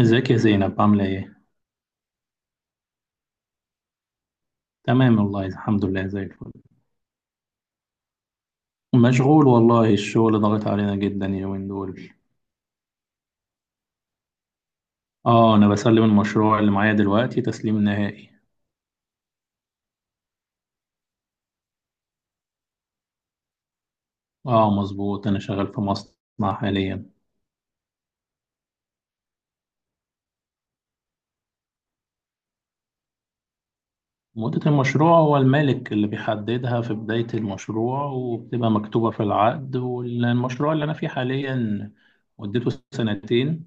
ازيك يا زينب، عاملة ايه؟ تمام والله الحمد لله زي الفل. مشغول والله، الشغل ضغط علينا جدا اليومين دول. اه، انا بسلم المشروع اللي معايا دلوقتي تسليم نهائي. اه مظبوط، انا شغال في مصنع حاليا. مدة المشروع هو المالك اللي بيحددها في بداية المشروع، وبتبقى مكتوبة في العقد. والمشروع اللي انا فيه حاليا مدته سنتين،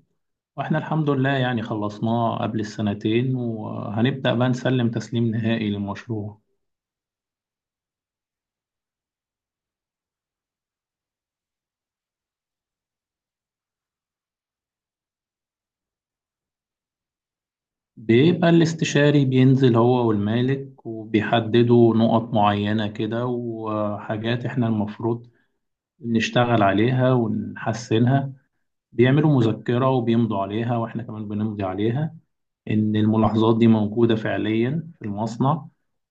واحنا الحمد لله يعني خلصناه قبل السنتين، وهنبدأ بقى نسلم تسليم نهائي للمشروع. بيبقى الاستشاري بينزل هو والمالك وبيحددوا نقط معينة كده وحاجات احنا المفروض نشتغل عليها ونحسنها. بيعملوا مذكرة وبيمضوا عليها، واحنا كمان بنمضي عليها ان الملاحظات دي موجودة فعليا في المصنع.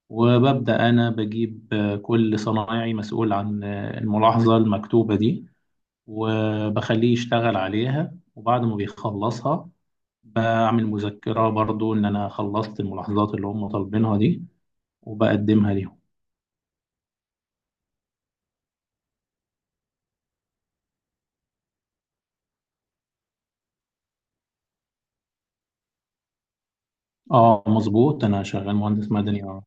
وببدأ أنا بجيب كل صنايعي مسؤول عن الملاحظة المكتوبة دي، وبخليه يشتغل عليها. وبعد ما بيخلصها بعمل مذكرة برضو إن أنا خلصت الملاحظات اللي هم طالبينها دي وبقدمها ليهم. اه مظبوط، أنا شغال مهندس مدني اه.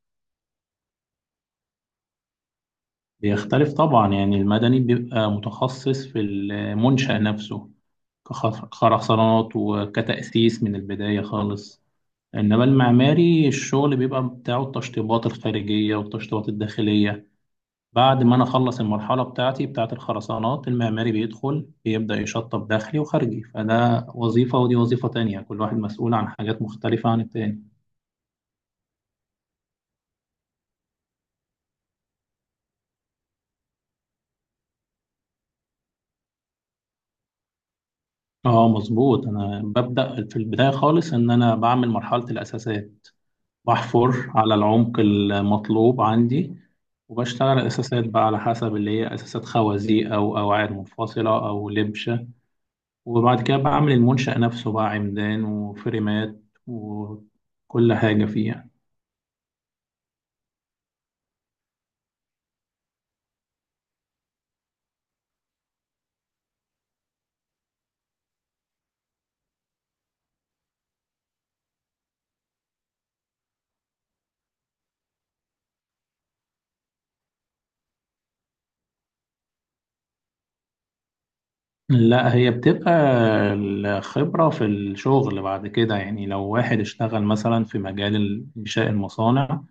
بيختلف طبعا، يعني المدني بيبقى متخصص في المنشأ نفسه، كخرسانات وكتأسيس من البداية خالص. إنما المعماري الشغل بيبقى بتاعه التشطيبات الخارجية والتشطيبات الداخلية. بعد ما انا اخلص المرحله بتاعتي بتاعه الخرسانات، المعماري بيدخل بيبدا يشطب داخلي وخارجي. فده وظيفه ودي وظيفه تانية، كل واحد مسؤول عن حاجات مختلفه عن التاني. اه مظبوط، انا ببدا في البدايه خالص ان انا بعمل مرحله الاساسات. بحفر على العمق المطلوب عندي، وبشتغل اساسات بقى على حسب اللي هي اساسات خوازيق او قواعد منفصله او لبشه. وبعد كده بعمل المنشأ نفسه بقى، عمدان وفريمات وكل حاجه فيه يعني. لا، هي بتبقى الخبرة في الشغل بعد كده. يعني لو واحد اشتغل مثلا في مجال إنشاء المصانع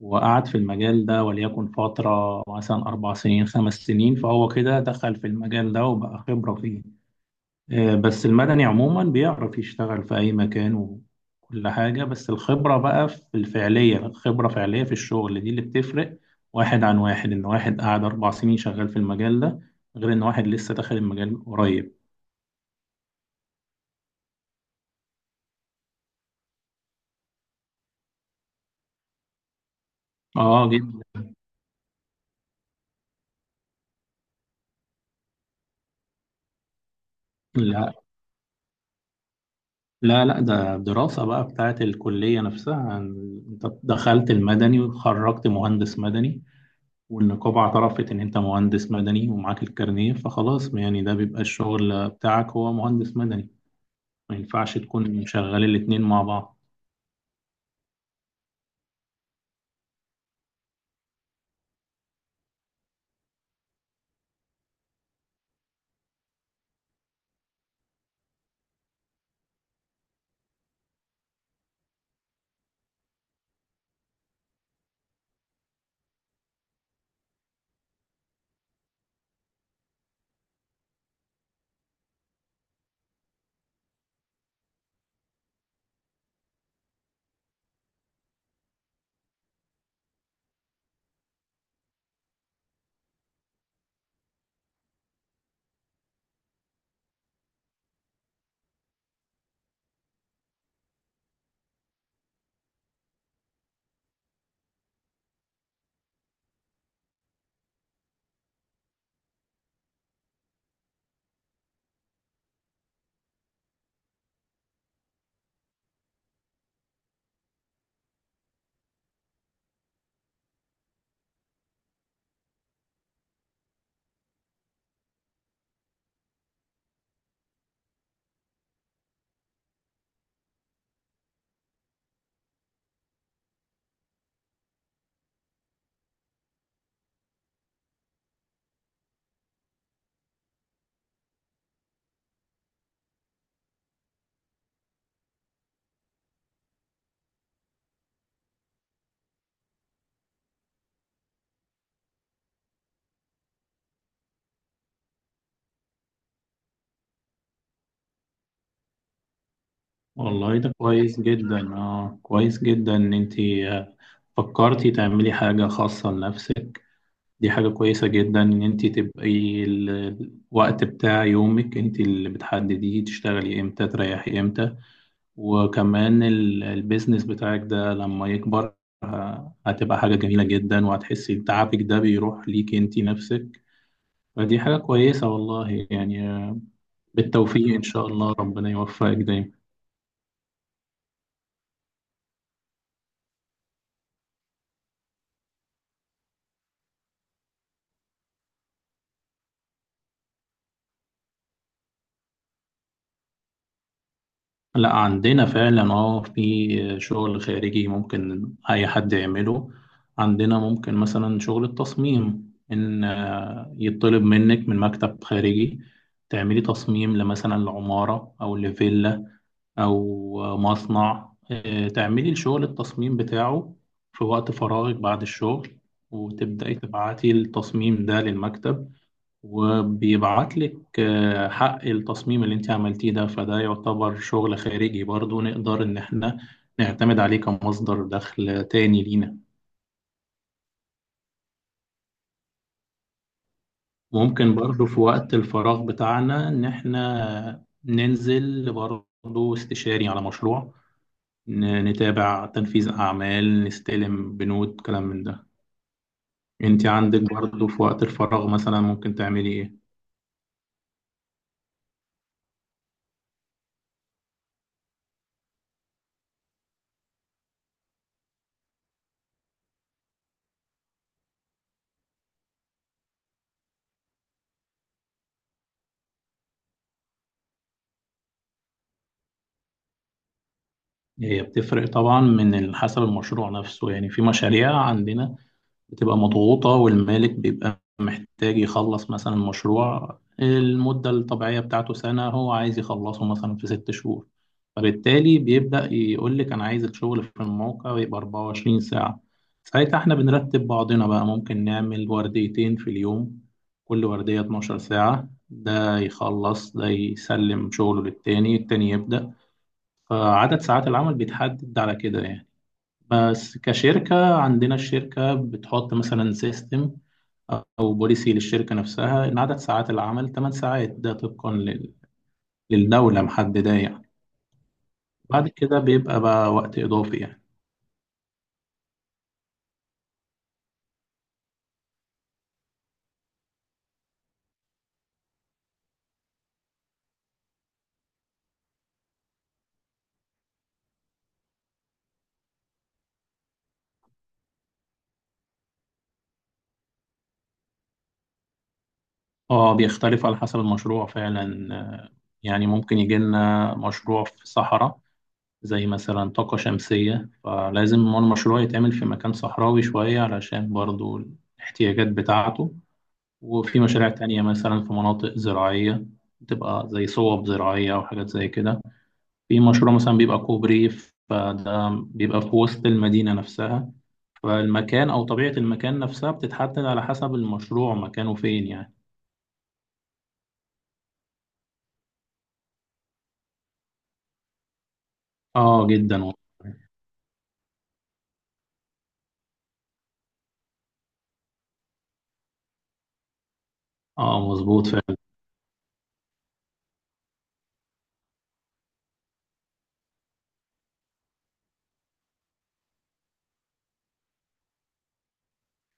وقعد في المجال ده وليكن فترة مثلا 4 سنين 5 سنين، فهو كده دخل في المجال ده وبقى خبرة فيه. بس المدني عموما بيعرف يشتغل في أي مكان وكل حاجة. بس الخبرة بقى في الفعلية، الخبرة فعلية في الشغل دي اللي بتفرق واحد عن واحد. إن واحد قعد 4 سنين شغال في المجال ده، غير إن واحد لسه داخل المجال قريب. اه جدا. لا لا لا، ده دراسة بقى بتاعت الكلية نفسها. انت دخلت المدني وخرجت مهندس مدني، والنقابة اعترفت ان انت مهندس مدني ومعاك الكارنيه، فخلاص يعني ده بيبقى الشغل بتاعك هو مهندس مدني. ما ينفعش تكون مشغل الاتنين مع بعض. والله ده كويس جدا، اه كويس جدا ان انت فكرتي تعملي حاجة خاصة لنفسك. دي حاجة كويسة جدا إن أنت تبقي الوقت بتاع يومك أنت اللي بتحدديه، تشتغلي إمتى تريحي إمتى. وكمان البيزنس بتاعك ده لما يكبر، هتبقى حاجة جميلة جدا. وهتحسي تعبك ده بيروح ليك أنت نفسك. فدي حاجة كويسة والله يعني. بالتوفيق إن شاء الله، ربنا يوفقك دايما. لا، عندنا فعلا اه في شغل خارجي ممكن اي حد يعمله. عندنا ممكن مثلا شغل التصميم ان يطلب منك من مكتب خارجي، تعملي تصميم لمثلا لعمارة او لفيلا او مصنع تعملي الشغل التصميم بتاعه في وقت فراغك بعد الشغل، وتبدأي تبعتي التصميم ده للمكتب. وبيبعت لك حق التصميم اللي انت عملتيه ده. فده يعتبر شغل خارجي برضو، نقدر ان احنا نعتمد عليه كمصدر دخل تاني لينا. ممكن برضو في وقت الفراغ بتاعنا ان احنا ننزل برضو استشاري على مشروع، نتابع تنفيذ اعمال، نستلم بنود، كلام من ده. انت عندك برضو في وقت الفراغ مثلا ممكن تعملي ايه؟ هي بتفرق طبعا من حسب المشروع نفسه. يعني في مشاريع عندنا بتبقى مضغوطة، والمالك بيبقى محتاج يخلص مثلا مشروع المدة الطبيعية بتاعته سنة، هو عايز يخلصه مثلا في 6 شهور. فبالتالي بيبدأ يقول لك أنا عايز الشغل في الموقع يبقى 24 ساعة. ساعتها احنا بنرتب بعضنا بقى، ممكن نعمل ورديتين في اليوم، كل وردية 12 ساعة. ده يخلص ده يسلم شغله للتاني، التاني يبدأ. فعدد ساعات العمل بيتحدد على كده يعني. بس كشركة عندنا الشركة بتحط مثلا سيستم أو بوليسي للشركة نفسها إن عدد ساعات العمل 8 ساعات، ده طبقا للدولة محددة يعني. بعد كده بيبقى بقى وقت إضافي يعني. اه، بيختلف على حسب المشروع فعلا. يعني ممكن يجي لنا مشروع في صحراء، زي مثلا طاقة شمسية، فلازم المشروع يتعمل في مكان صحراوي شوية علشان برضو الاحتياجات بتاعته. وفي مشاريع تانية مثلا في مناطق زراعية، بتبقى زي صوب زراعية أو حاجات زي كده. في مشروع مثلا بيبقى كوبري، فده بيبقى في وسط المدينة نفسها. فالمكان أو طبيعة المكان نفسها بتتحدد على حسب المشروع مكانه فين يعني. اه جدا والله. اه مظبوط فعلا.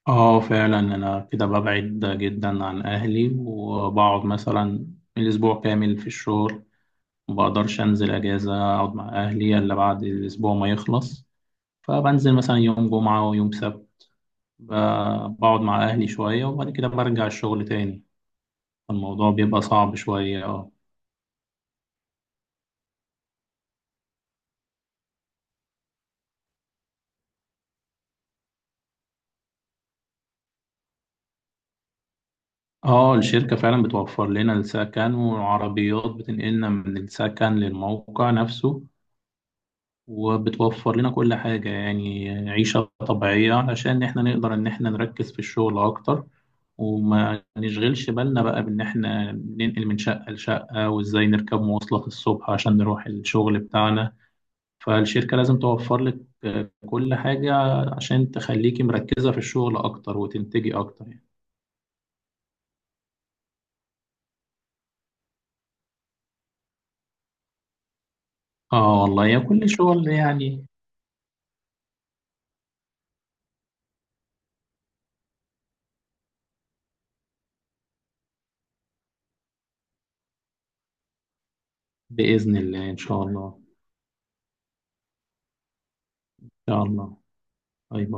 اه فعلا، انا كده ببعد جدا عن اهلي وبقعد مثلا الاسبوع كامل في الشغل، ما بقدرش انزل اجازة اقعد مع اهلي الا بعد الاسبوع ما يخلص. فبنزل مثلا يوم جمعة ويوم سبت، ب- بقعد مع أهلي شوية، وبعد كده برجع الشغل تاني. الموضوع بيبقى صعب شوية اه. اه، الشركة فعلا بتوفر لنا السكن، والعربيات بتنقلنا من السكن للموقع نفسه. وبتوفر لنا كل حاجة، يعني عيشة طبيعية، علشان احنا نقدر ان احنا نركز في الشغل اكتر وما نشغلش بالنا بقى بان احنا ننقل من شقة لشقة وازاي نركب مواصلات الصبح عشان نروح الشغل بتاعنا. فالشركة لازم توفر لك كل حاجة عشان تخليكي مركزة في الشغل أكتر وتنتجي أكتر يعني. آه والله، يا كل شغل يعني. بإذن الله إن شاء الله. إن شاء الله. طيب.